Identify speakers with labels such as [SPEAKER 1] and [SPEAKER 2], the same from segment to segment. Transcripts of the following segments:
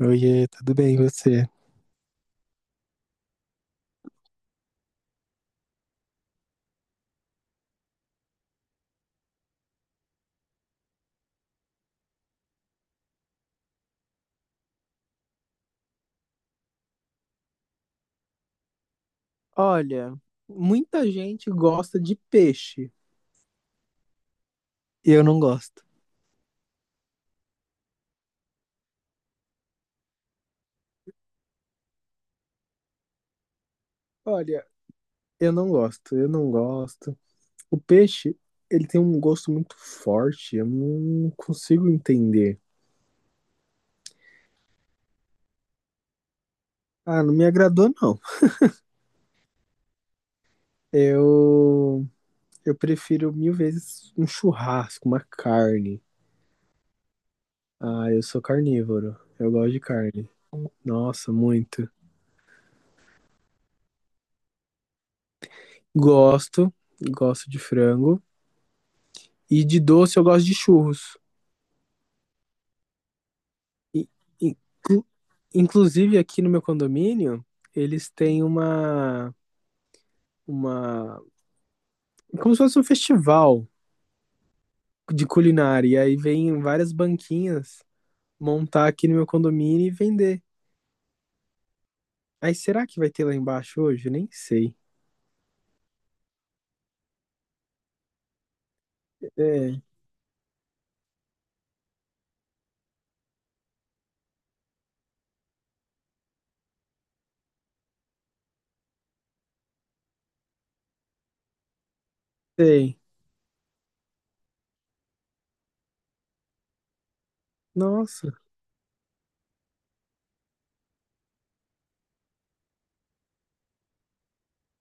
[SPEAKER 1] Oiê, tudo bem e você? Olha, muita gente gosta de peixe. Eu não gosto. Olha, eu não gosto. O peixe, ele tem um gosto muito forte, eu não consigo entender. Ah, não me agradou, não. Eu, eu prefiro mil vezes um churrasco, uma carne. Ah, eu sou carnívoro, eu gosto de carne. Nossa, muito. Gosto, gosto de frango. E de doce eu gosto de churros. I- in- clu- Inclusive aqui no meu condomínio, eles têm uma, como se fosse um festival de culinária. E aí vem várias banquinhas montar aqui no meu condomínio e vender. Aí será que vai ter lá embaixo hoje? Nem sei. É, sei. Nossa.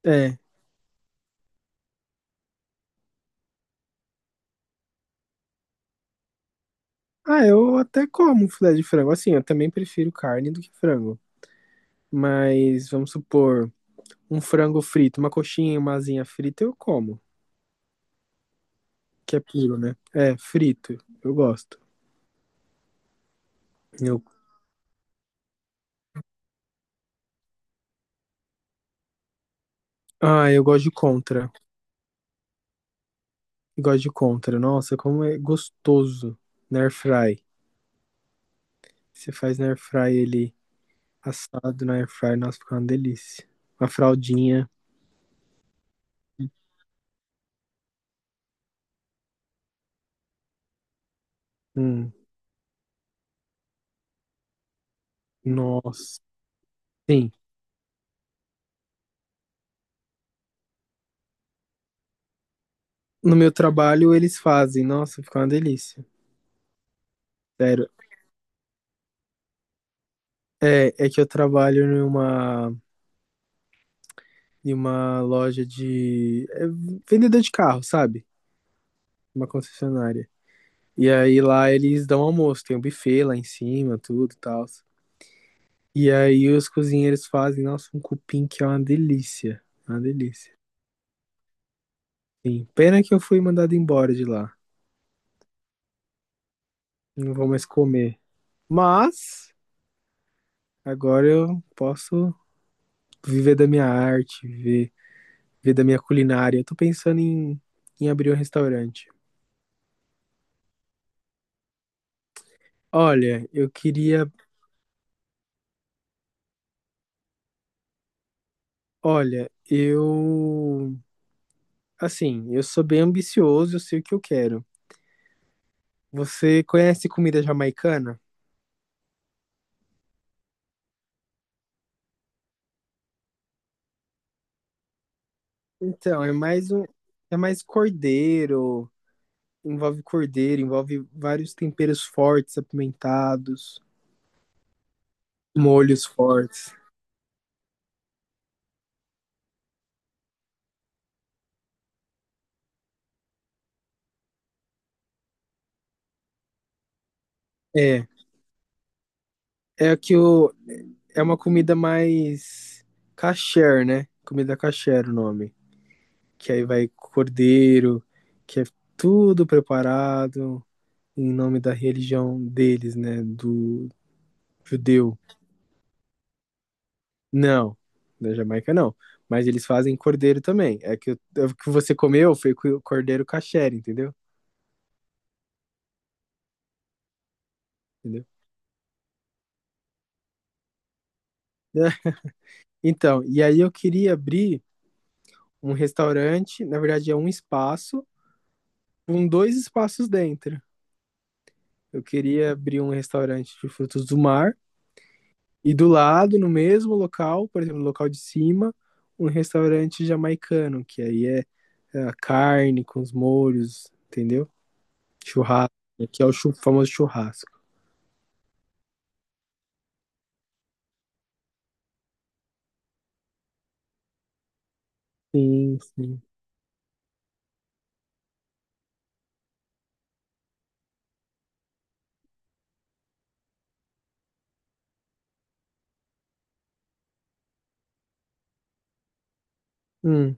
[SPEAKER 1] É. Ah, eu até como filé de frango. Assim, eu também prefiro carne do que frango. Mas vamos supor, um frango frito, uma coxinha e uma asinha frita eu como. Que é puro, né? É, frito. Eu gosto. Eu... Ah, eu gosto de contra. Eu gosto de contra. Nossa, como é gostoso. Na air fry. Você faz na air fry ele assado na air fry. Nossa, fica uma delícia. Uma fraldinha. Hum, nossa. Sim. No meu trabalho eles fazem. Nossa, fica uma delícia. Sério. É, é que eu trabalho em uma loja de. É, vendedor de carro, sabe? Uma concessionária. E aí lá eles dão almoço, tem um buffet lá em cima, tudo e tal. E aí os cozinheiros fazem, nossa, um cupim que é uma delícia. Uma delícia. Sim, pena que eu fui mandado embora de lá. Não vou mais comer. Mas agora eu posso viver da minha arte, viver, viver da minha culinária. Eu tô pensando em abrir um restaurante. Olha, eu queria. Olha, eu. Assim, eu sou bem ambicioso, eu sei o que eu quero. Você conhece comida jamaicana? Então, é mais cordeiro, envolve vários temperos fortes, apimentados, molhos fortes. É, é que o é uma comida mais kasher, né? Comida kasher o nome, que aí vai cordeiro, que é tudo preparado em nome da religião deles, né, do judeu. Não, da Jamaica não. Mas eles fazem cordeiro também. É que, é o que você comeu foi cordeiro kasher, entendeu? Entendeu? É, então, e aí eu queria abrir um restaurante, na verdade é um espaço, com dois espaços dentro. Eu queria abrir um restaurante de frutos do mar e do lado, no mesmo local, por exemplo, no local de cima, um restaurante jamaicano, que aí é a carne com os molhos, entendeu? Churrasco, que é o famoso churrasco. Sim, sim. Hum,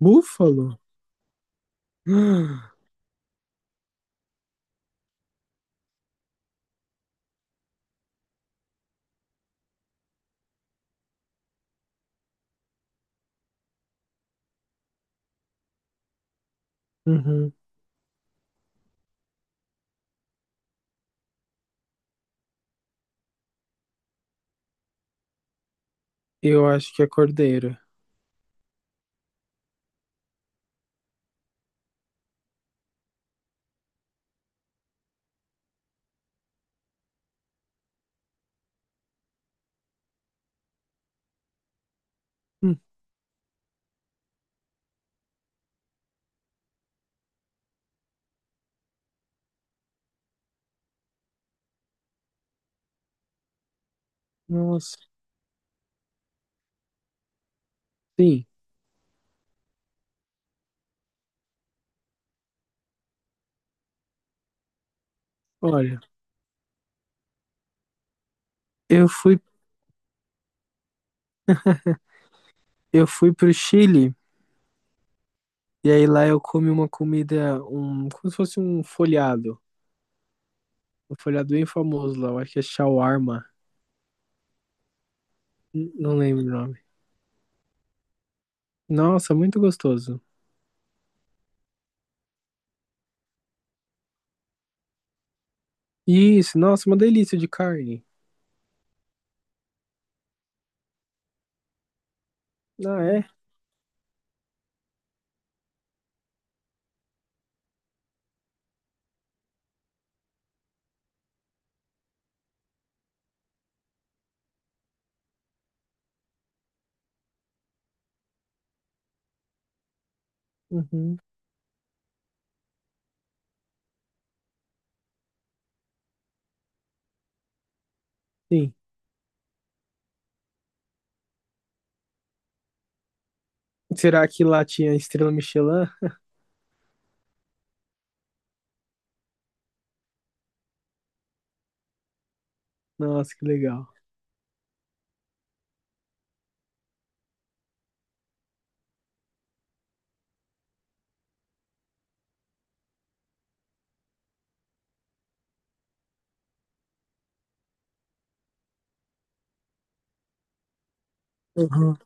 [SPEAKER 1] búfalo? Ah, uhum, eu acho que é cordeiro. Hum, nossa, sim. Olha, eu fui, eu fui pro Chile e aí lá eu comi uma comida, como se fosse um folhado. Um folhado bem famoso lá, eu acho que é shawarma. Não lembro o nome. Nossa, muito gostoso. Isso, nossa, uma delícia de carne. Ah, é? Uhum, sim. Será que lá tinha estrela Michelin? Nossa, que legal. Uhum.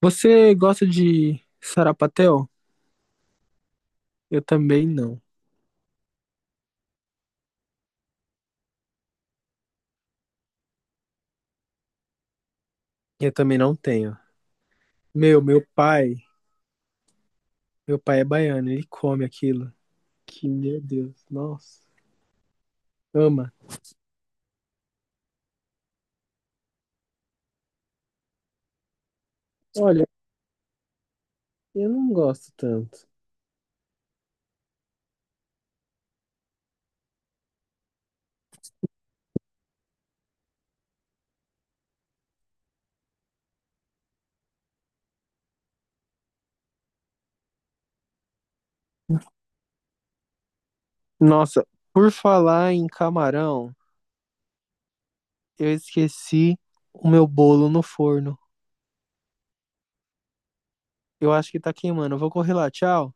[SPEAKER 1] Você gosta de sarapatel? Eu também não. Eu também não tenho. Meu, meu pai, meu pai é baiano, ele come aquilo. Que, meu Deus, nossa, ama. Olha, eu não gosto tanto. Nossa, por falar em camarão, eu esqueci o meu bolo no forno. Eu acho que tá queimando. Eu vou correr lá, tchau.